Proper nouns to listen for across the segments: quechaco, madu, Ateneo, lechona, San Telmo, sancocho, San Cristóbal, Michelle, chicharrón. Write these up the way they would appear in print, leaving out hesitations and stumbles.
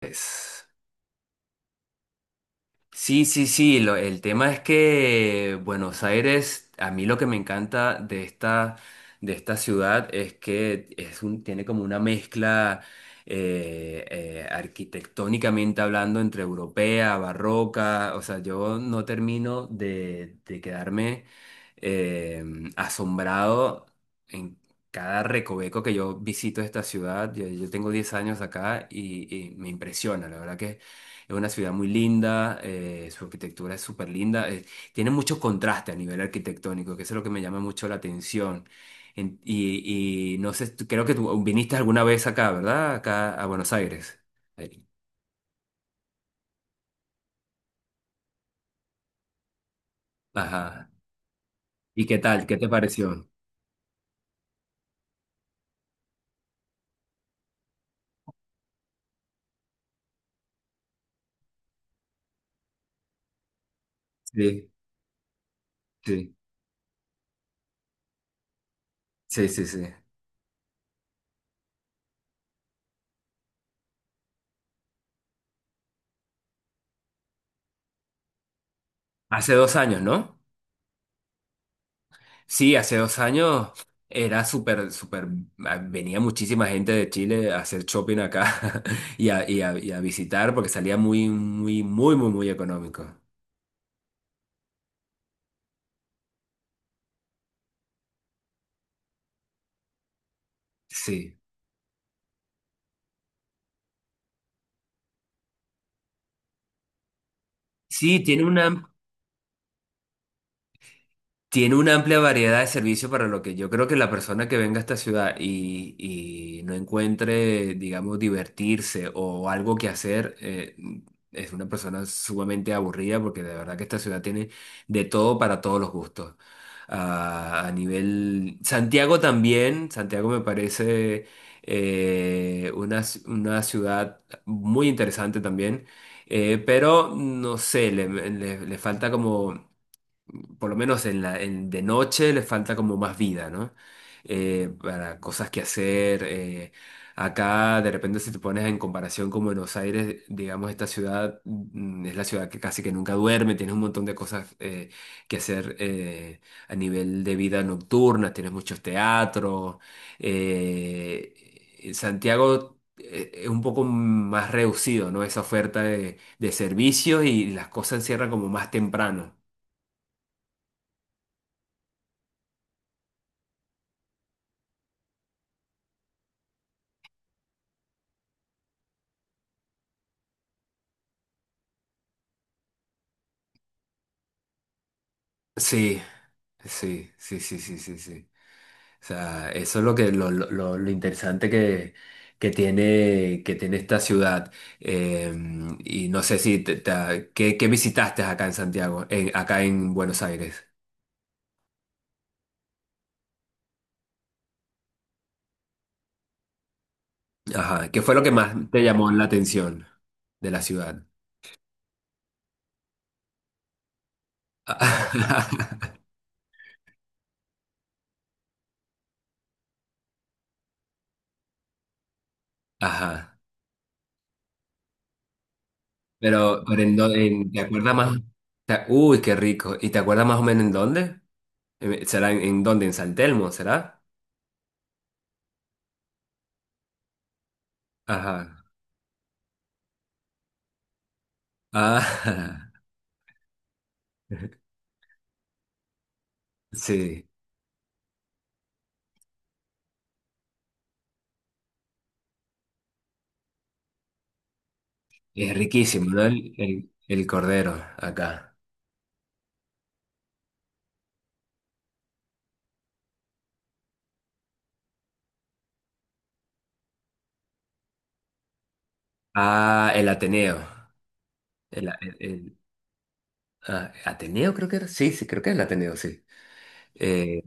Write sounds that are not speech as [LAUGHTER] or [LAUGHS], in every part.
Pues, sí, sí, sí, el tema es que Buenos Aires, a mí lo que me encanta de esta, ciudad, es que tiene como una mezcla, arquitectónicamente hablando, entre europea, barroca. O sea, yo no termino de quedarme, eh, asombrado en cada recoveco que yo visito esta ciudad. Yo tengo 10 años acá, y me impresiona, la verdad. Es una ciudad muy linda. Su arquitectura es súper linda. Tiene mucho contraste a nivel arquitectónico, que eso es lo que me llama mucho la atención. Y no sé, creo que tú viniste alguna vez acá, ¿verdad? Acá a Buenos Aires. Eh, Ajá. ¿Y qué tal? ¿Qué te pareció? Sí, sí, sí, sí, sí. Hace 2 años, ¿no? Sí, hace dos años era súper, súper. Venía muchísima gente de Chile a hacer shopping acá [LAUGHS] y a visitar, porque salía muy, muy, muy, muy, muy económico. Sí. Sí, tiene una Tiene una amplia variedad de servicios, para lo que yo creo que la persona que venga a esta ciudad y no encuentre, digamos, divertirse o algo que hacer, es una persona sumamente aburrida, porque de verdad que esta ciudad tiene de todo, para todos los gustos. Santiago también. Santiago me parece una ciudad muy interesante también. Pero no sé, le falta como, por lo menos en de noche, les falta como más vida, ¿no? Para cosas que hacer. Acá, de repente, si te pones en comparación con Buenos Aires, digamos, esta ciudad, es la ciudad que casi que nunca duerme. Tienes un montón de cosas que hacer, a nivel de vida nocturna. Tienes muchos teatros. eh, Santiago, es un poco más reducido, ¿no? Esa oferta de servicios, y las cosas cierran como más temprano. Sí. Sí, sí, sí, sí, sí, sí. O sea, eso es lo que lo interesante que tiene esta ciudad. Eh, y no sé si te- te ¿qué visitaste acá en Santiago, acá en Buenos Aires? Ajá. ¿Qué fue lo que más te llamó la atención de la ciudad? [LAUGHS] Ajá. Pero, ¿te acuerdas más? Uy, qué rico. ¿Y te acuerdas más o menos en dónde? ¿Será en dónde? ¿En San Telmo, será? Ajá. Ah, [LAUGHS] sí. Es riquísimo, ¿no? El cordero acá. Ah, el Ateneo. El, el- el- ah, Ateneo creo que era. Sí, sí, creo que es el Ateneo, sí. Eh,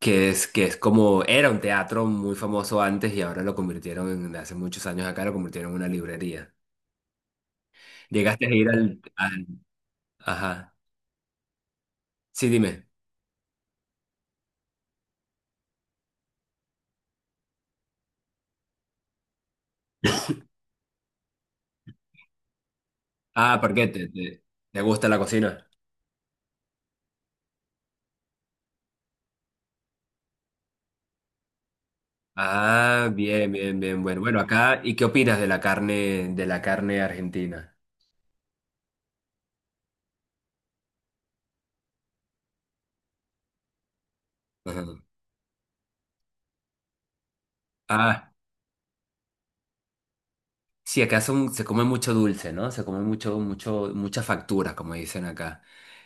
que es, que es, como, era un teatro muy famoso antes, y ahora lo convirtieron en, hace muchos años acá, lo convirtieron en una librería. ¿Llegaste a ir al, al-? Ajá. Sí, dime. Ah, ¿por qué? ¿Te gusta la cocina? Ah, bien, bien, bien. Bueno, bueno, acá, ¿y qué opinas de la carne argentina? Ajá. Ah. Sí, acá se come mucho dulce, ¿no? Se come mucho, mucho, mucha factura, como dicen acá.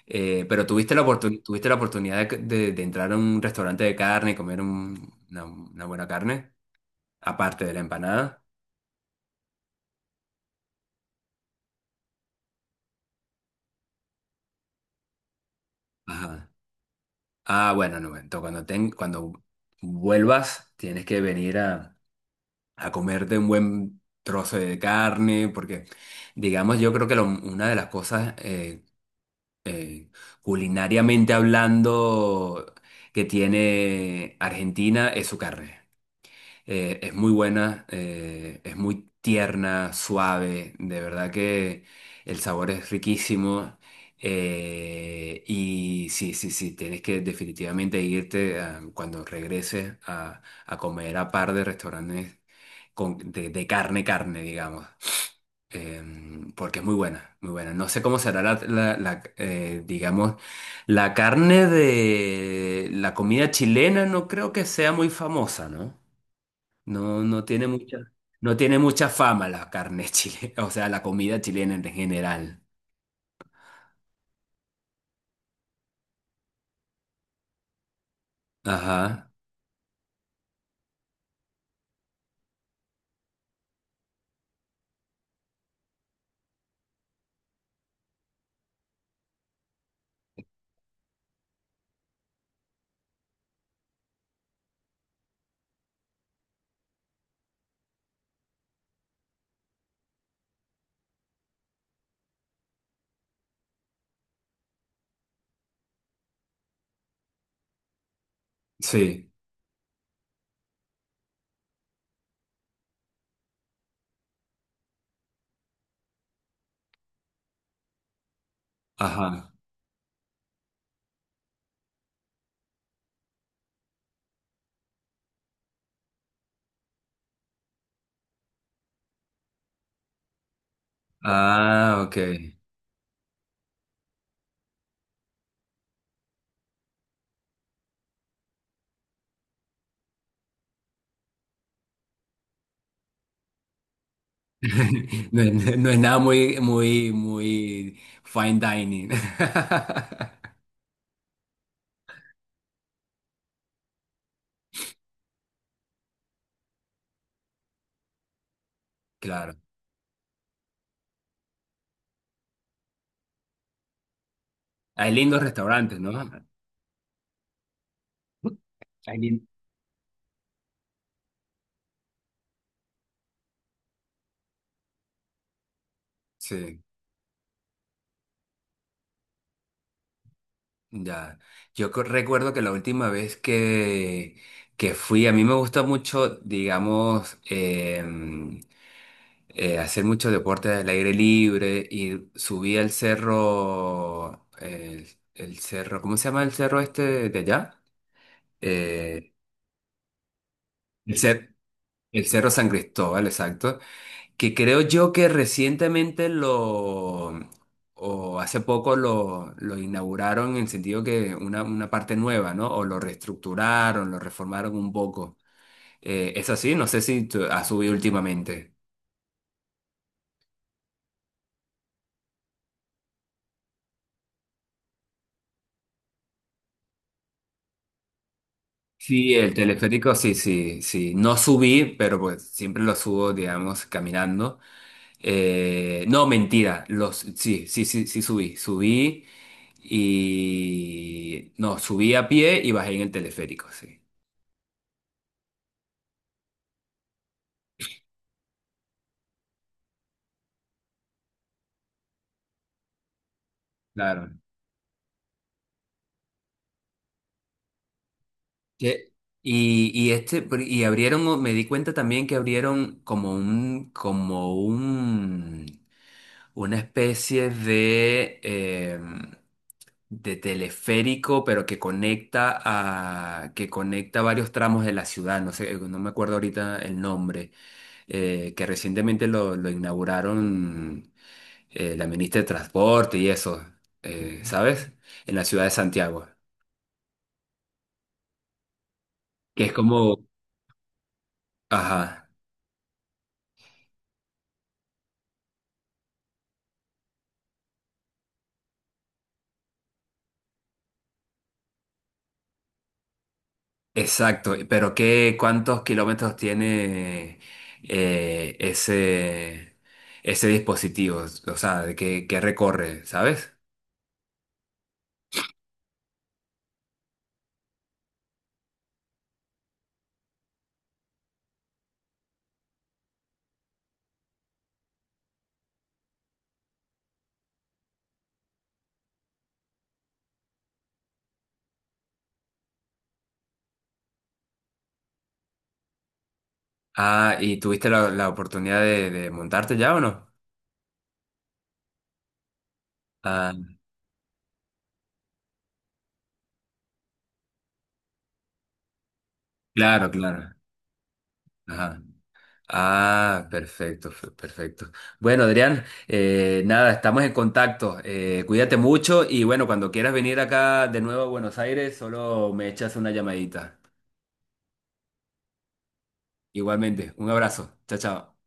Pero tuviste la oportunidad de entrar a un restaurante de carne y comer una buena carne, aparte de la empanada. Ajá. Ah, bueno, no, entonces cuando vuelvas, tienes que venir a comerte un buen trozo de carne, porque digamos, yo creo que una de las cosas, eh, culinariamente hablando, que tiene Argentina, es su carne. Es muy buena. Es muy tierna, suave, de verdad que el sabor es riquísimo. Y sí, sí, sí, tienes que definitivamente irte, cuando regreses, a comer a par de restaurantes, de carne, carne, digamos, porque es muy buena, muy buena. No sé cómo será digamos, la carne de la comida chilena. No creo que sea muy famosa, ¿no? No, no tiene mucha, fama la carne chilena, [LAUGHS] o sea, la comida chilena en general. Ajá, sí, ajá. Ah, ok. [LAUGHS] No, es no es nada muy, muy, muy fine dining. [LAUGHS] Claro. Hay lindos restaurantes, ¿no? Hay lindos Sí, ya. Recuerdo que la última vez que fui, a mí me gusta mucho, digamos, em, hacer mucho deporte al aire libre, y subí al cerro. El cerro, ¿cómo se llama el cerro este de allá? Eh, el cer- el cerro San Cristóbal, exacto. Que creo yo que recientemente o hace poco lo inauguraron, en el sentido que una parte nueva, ¿no? O lo reestructuraron, lo reformaron un poco. Es así, no sé si ha subido últimamente. Sí, el teleférico, sí, sí, sí. No subí, pero pues siempre lo subo, digamos, caminando. No, mentira, sí, sí, sí, sí subí, subí. No, subí a pie y bajé en el teleférico, sí. Claro. Que- y, y este, y abrieron, me di cuenta también que abrieron como un, una especie de teleférico, pero que conecta varios tramos de la ciudad. No sé, no me acuerdo ahorita el nombre. Que recientemente lo inauguraron, la ministra de Transporte y eso. Ujú. ¿Sabes? En la ciudad de Santiago, que es como, ajá. Exacto, pero ¿cuántos kilómetros tiene, eh, ese, ese dispositivo? O sea, ¿de ¿qué recorre, sabes? Ah, ¿y tuviste la oportunidad de montarte ya o no? Ah, claro, claro. Ajá. Ah, perfecto, perfecto. Bueno, Adrián, nada, estamos en contacto. Cuídate mucho, y bueno, cuando quieras venir acá de nuevo a Buenos Aires, solo me echas una llamadita. Igualmente, un abrazo. Chao, chao.